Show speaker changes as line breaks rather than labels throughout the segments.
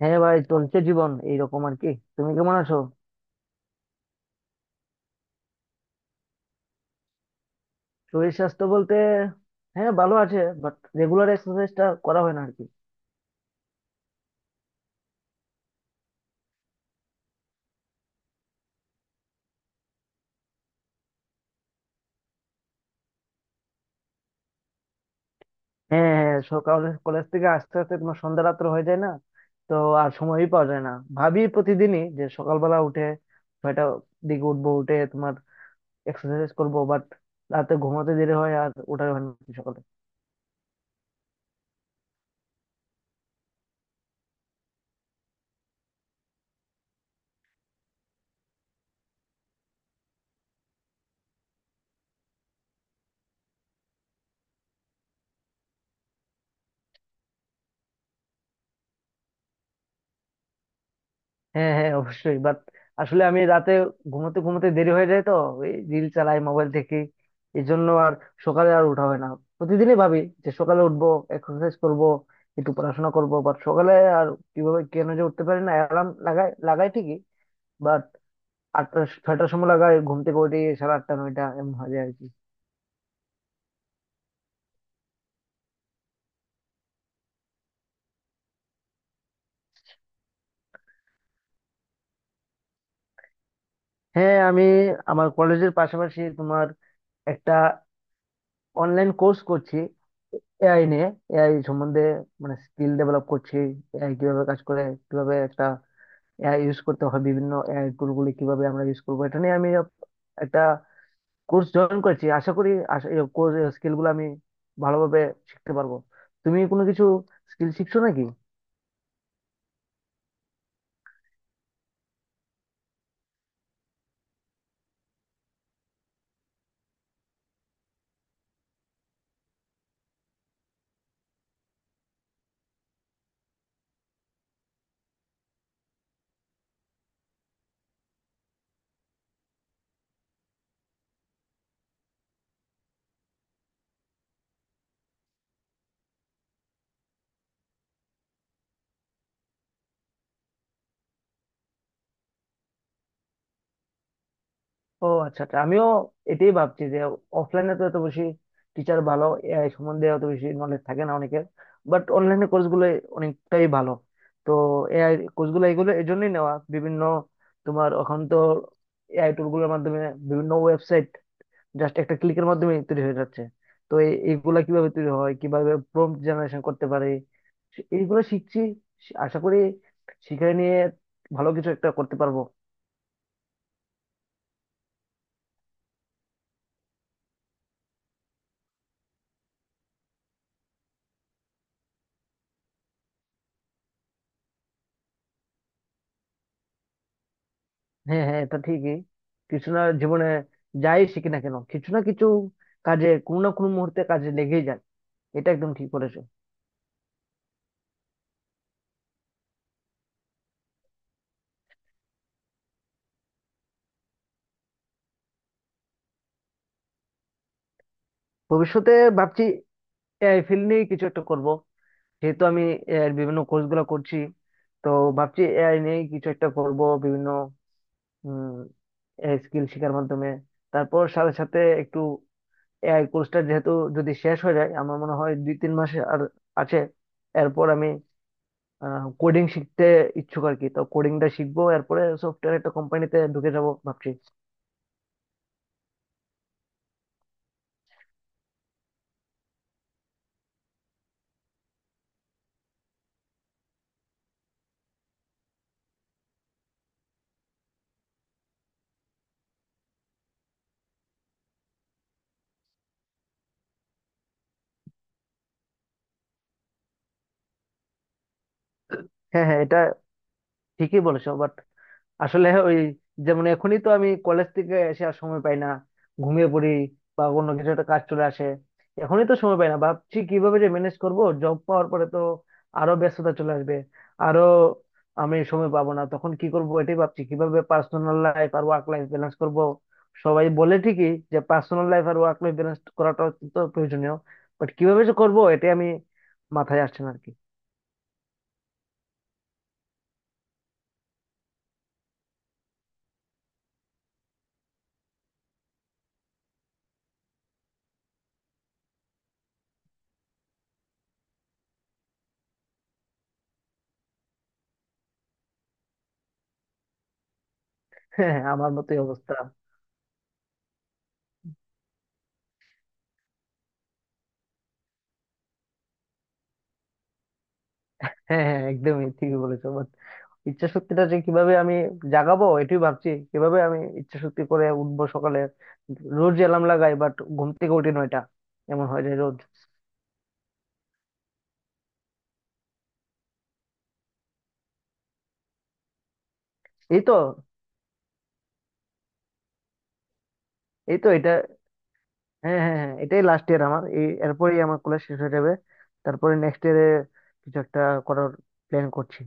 হ্যাঁ ভাই, চলছে জীবন এইরকম আর কি। তুমি কেমন আছো? শরীর স্বাস্থ্য বলতে, হ্যাঁ ভালো আছে, বাট রেগুলার এক্সারসাইজটা করা হয় না আর কি। হ্যাঁ হ্যাঁ, সকাল কলেজ থেকে আস্তে আস্তে তোমার সন্ধ্যা রাত্র হয়ে যায় না, তো আর সময়ই পাওয়া যায় না। ভাবি প্রতিদিনই যে সকালবেলা উঠে 6টা দিকে উঠবো, উঠে তোমার এক্সারসাইজ করবো, বাট রাতে ঘুমাতে দেরি হয় আর ওঠাই হয় না সকালে। হ্যাঁ হ্যাঁ অবশ্যই, বাট আসলে আমি রাতে ঘুমোতে ঘুমোতে দেরি হয়ে যায় তো, এই রিল চালাই মোবাইল থেকে, এই জন্য আর সকালে আর উঠা হয় না। প্রতিদিনই ভাবি যে সকালে উঠবো, এক্সারসাইজ করব, একটু পড়াশোনা করব, বাট সকালে আর কিভাবে কেন যে উঠতে পারি না, অ্যালার্ম লাগাই লাগাই ঠিকই, বাট আটটা ছয়টার সময় লাগাই, ঘুম থেকে উঠে সাড়ে আটটা 9টা এমন হয়ে যায় আর কি। হ্যাঁ আমি, আমার কলেজের পাশাপাশি তোমার একটা অনলাইন কোর্স করছি এআই নিয়ে, এআই সম্বন্ধে, মানে স্কিল ডেভেলপ করছি, এআই কিভাবে কাজ করে, কিভাবে একটা এআই ইউজ করতে হয়, বিভিন্ন এআই টুল গুলি কিভাবে আমরা ইউজ করবো, এটা নিয়ে আমি একটা কোর্স জয়েন করেছি। আশা করি স্কিল গুলো আমি ভালোভাবে শিখতে পারবো। তুমি কোনো কিছু স্কিল শিখছো নাকি? ও আচ্ছা আচ্ছা, আমিও এটাই ভাবছি যে অফলাইনে তো এত বেশি টিচার ভালো এআই সম্বন্ধে অত বেশি নলেজ থাকে না অনেকের, বাট অনলাইনে কোর্সগুলো অনেকটাই ভালো। তো এআই কোর্সগুলো এগুলো এই জন্যই নেওয়া। বিভিন্ন তোমার এখন তো এআই টুলগুলোর মাধ্যমে বিভিন্ন ওয়েবসাইট জাস্ট একটা ক্লিকের মাধ্যমে তৈরি হয়ে যাচ্ছে। তো এইগুলা কিভাবে তৈরি হয়, কিভাবে প্রম্পট জেনারেশন করতে পারে, এইগুলো শিখছি। আশা করি শিখে নিয়ে ভালো কিছু একটা করতে পারবো। হ্যাঁ হ্যাঁ, এটা ঠিকই। কিছু না, জীবনে যাই শিখি না কেন কিছু না কিছু কাজে, কোনো না কোনো মুহূর্তে কাজে লেগেই যায়। এটা একদম ঠিক বলেছো। ভবিষ্যতে ভাবছি এআই ফিল্ড নিয়ে কিছু একটা করব। যেহেতু আমি এআই বিভিন্ন কোর্স গুলো করছি, তো ভাবছি এআই নিয়ে কিছু একটা করব, বিভিন্ন উম স্কিল শেখার মাধ্যমে। তারপর সাথে সাথে একটু এআই কোর্সটা যেহেতু, যদি শেষ হয়ে যায়, আমার মনে হয় 2-3 মাস আর আছে। এরপর আমি কোডিং শিখতে ইচ্ছুক আর কি, তো কোডিংটা শিখবো এরপরে, সফটওয়্যার একটা কোম্পানিতে ঢুকে যাবো ভাবছি। হ্যাঁ হ্যাঁ, এটা ঠিকই বলেছো, বাট আসলে ওই, যেমন এখনই তো আমি কলেজ থেকে এসে আর সময় পাই না, ঘুমিয়ে পড়ি বা অন্য কিছু একটা কাজ চলে আসে। এখনই তো সময় পাই না, ভাবছি কিভাবে যে ম্যানেজ করব জব পাওয়ার পরে, তো আরো ব্যস্ততা চলে আসবে, আরো আমি সময় পাবো না তখন, কি করব এটাই ভাবছি, কিভাবে পার্সোনাল লাইফ আর ওয়ার্ক লাইফ ব্যালেন্স করব। সবাই বলে ঠিকই যে পার্সোনাল লাইফ আর ওয়ার্ক লাইফ ব্যালেন্স করাটা অত্যন্ত প্রয়োজনীয়, বাট কিভাবে যে করবো এটাই আমি মাথায় আসছে না আর কি। হ্যাঁ, আমার মতোই অবস্থা। হ্যাঁ হ্যাঁ, একদমই ঠিকই বলেছো। ইচ্ছা শক্তিটা যে কিভাবে আমি জাগাবো এটাই ভাবছি, কিভাবে আমি ইচ্ছা শক্তি করে উঠবো সকালে। রোজ অ্যালার্ম লাগাই, বাট ঘুম থেকে উঠি 9টা, এমন হয়ে যায় রোজ। এই তো এই তো এটা, হ্যাঁ হ্যাঁ হ্যাঁ, এটাই লাস্ট ইয়ার আমার। এই, এরপরেই আমার কলেজ শেষ হয়ে যাবে। তারপরে নেক্সট ইয়ারে কিছু একটা করার প্ল্যান করছি।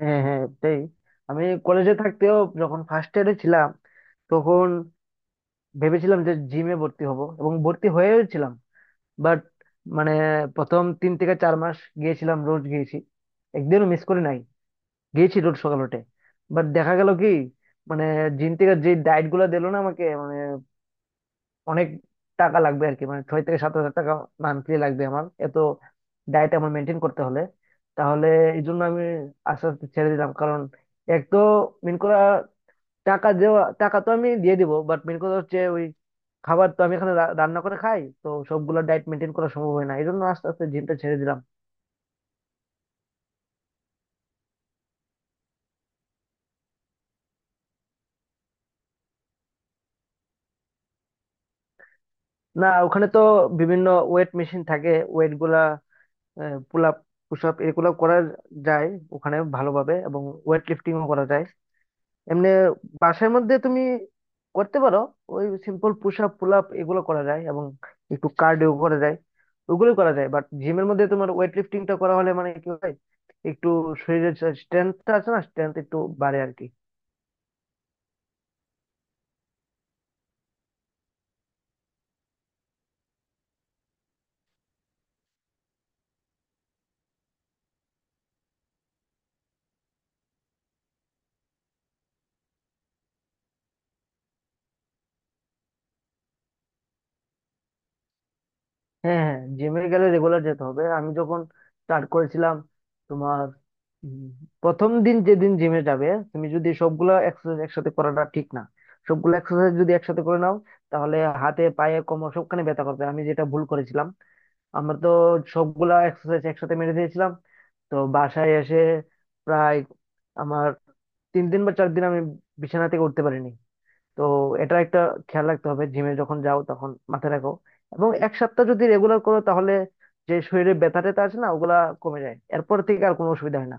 হ্যাঁ হ্যাঁ তাই। আমি কলেজে থাকতেও যখন ফার্স্ট ইয়ারে ছিলাম, তখন ভেবেছিলাম যে জিমে ভর্তি হব, এবং ভর্তি হয়েও ছিলাম। বাট মানে, প্রথম 3 থেকে 4 মাস গিয়েছিলাম, রোজ গিয়েছি, একদিনও মিস করি নাই, গিয়েছি রোজ সকাল উঠে। বাট দেখা গেল কি, মানে জিম থেকে যে ডায়েট গুলো দিলো না আমাকে, মানে অনেক টাকা লাগবে আর কি, মানে 6 থেকে 7 হাজার টাকা মান্থলি লাগবে আমার, এত ডায়েট আমার মেনটেন করতে হলে। তাহলে এই জন্য আমি আস্তে আস্তে ছেড়ে দিলাম কারণ, এক তো মেন করা, টাকা দেওয়া, টাকা তো আমি দিয়ে দিব, বাট মেন কথা হচ্ছে ওই খাবার। তো আমি এখানে রান্না করে খাই, তো সবগুলো ডায়েট মেনটেন করা সম্ভব হয় না, এই জন্য আস্তে আস্তে জিমটা ছেড়ে দিলাম। না, ওখানে তো বিভিন্ন ওয়েট মেশিন থাকে, ওয়েট গুলা, পুল আপ, পুশ আপ এগুলো করা যায় ওখানে ভালোভাবে, এবং ওয়েট লিফটিংও করা যায়। এমনি বাসার মধ্যে তুমি করতে পারো ওই simple push up, pull up এগুলো করা যায়, এবং একটু কার্ডিও করা যায়, ওগুলো করা যায়। বাট জিমের মধ্যে তোমার ওয়েট লিফটিংটা করা হলে মানে কি হয়, একটু শরীরের স্ট্রেংথটা আছে না, স্ট্রেংথ একটু বাড়ে আর কি। হ্যাঁ হ্যাঁ, জিমে গেলে রেগুলার যেতে হবে। আমি যখন স্টার্ট করেছিলাম তোমার, উম, প্রথম দিন যেদিন জিমে যাবে, তুমি যদি সবগুলা এক্সারসাইজ একসাথে করাটা ঠিক না। সবগুলো এক্সারসাইজ যদি একসাথে করে নাও, তাহলে হাতে পায়ে কোমর সবখানে ব্যথা করবে, আমি যেটা ভুল করেছিলাম। আমরা তো সবগুলা এক্সারসাইজ একসাথে মেরে দিয়েছিলাম, তো বাসায় এসে প্রায় আমার 3 দিন বা 4 দিন আমি বিছানা থেকে উঠতে পারিনি। তো এটা একটা খেয়াল রাখতে হবে, জিমে যখন যাও তখন মাথায় রাখো। এবং 1 সপ্তাহ যদি রেগুলার করো তাহলে যে শরীরে ব্যথা ট্যাথা আছে না, ওগুলা কমে যায়, এরপর থেকে আর কোনো অসুবিধা হয় না।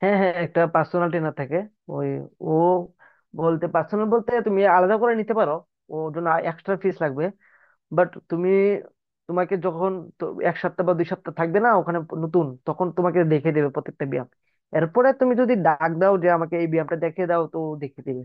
হ্যাঁ হ্যাঁ, একটা পার্সোনাল ট্রেনার থাকে, ওই, ও বলতে, পার্সোনাল বলতে তুমি আলাদা করে নিতে পারো, ওর জন্য এক্সট্রা ফিস লাগবে। বাট তুমি, তোমাকে যখন, তো 1 সপ্তাহ বা 2 সপ্তাহ থাকবে না ওখানে নতুন, তখন তোমাকে দেখে দেবে প্রত্যেকটা ব্যায়াম। এরপরে তুমি যদি ডাক দাও যে আমাকে এই ব্যায়ামটা দেখে দাও, তো ও দেখে দিবে।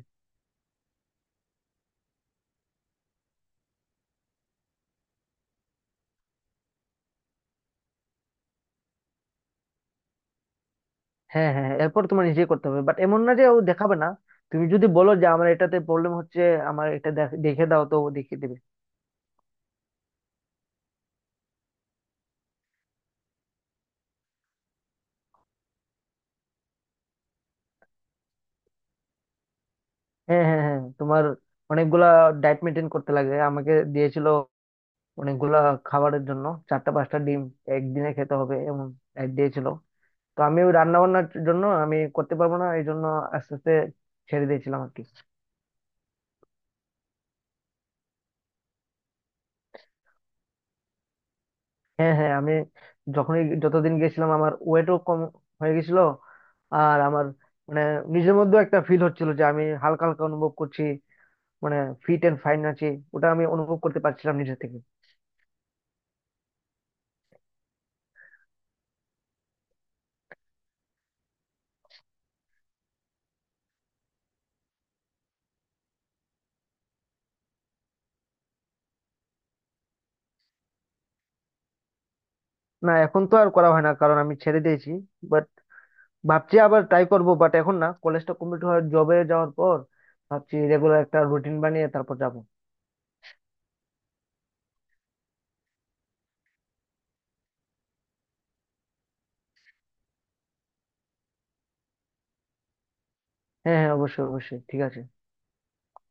হ্যাঁ হ্যাঁ হ্যাঁ, এরপর তোমার নিজে করতে হবে, বাট এমন না যে ও দেখাবে না। তুমি যদি বলো যে আমার এটাতে প্রবলেম হচ্ছে, আমার এটা দেখে দাও, তো ও দেখিয়ে দিবে। হ্যাঁ হ্যাঁ হ্যাঁ, তোমার অনেকগুলা ডায়েট মেনটেন করতে লাগে, আমাকে দিয়েছিল অনেকগুলা খাবারের জন্য। চারটা পাঁচটা ডিম একদিনে খেতে হবে, এমন diet দিয়েছিল। তো আমি, ওই রান্না বান্নার জন্য আমি করতে পারবো না, এই জন্য আস্তে আস্তে ছেড়ে দিয়েছিলাম আর কি। হ্যাঁ হ্যাঁ, আমি যখনই যতদিন গেছিলাম, আমার ওয়েটও কম হয়ে গেছিল, আর আমার মানে নিজের মধ্যেও একটা ফিল হচ্ছিল যে আমি হালকা হালকা অনুভব করছি, মানে ফিট এন্ড ফাইন আছি। ওটা আমি অনুভব করতে পারছিলাম নিজে থেকে। না, এখন তো আর করা হয় না, কারণ আমি ছেড়ে দিয়েছি। বাট ভাবছি আবার ট্রাই করব, বাট এখন না, কলেজটা কমপ্লিট হওয়ার জবে যাওয়ার পর ভাবছি রেগুলার একটা রুটিন বানিয়ে তারপর যাব। হ্যাঁ হ্যাঁ, অবশ্যই অবশ্যই ঠিক আছে।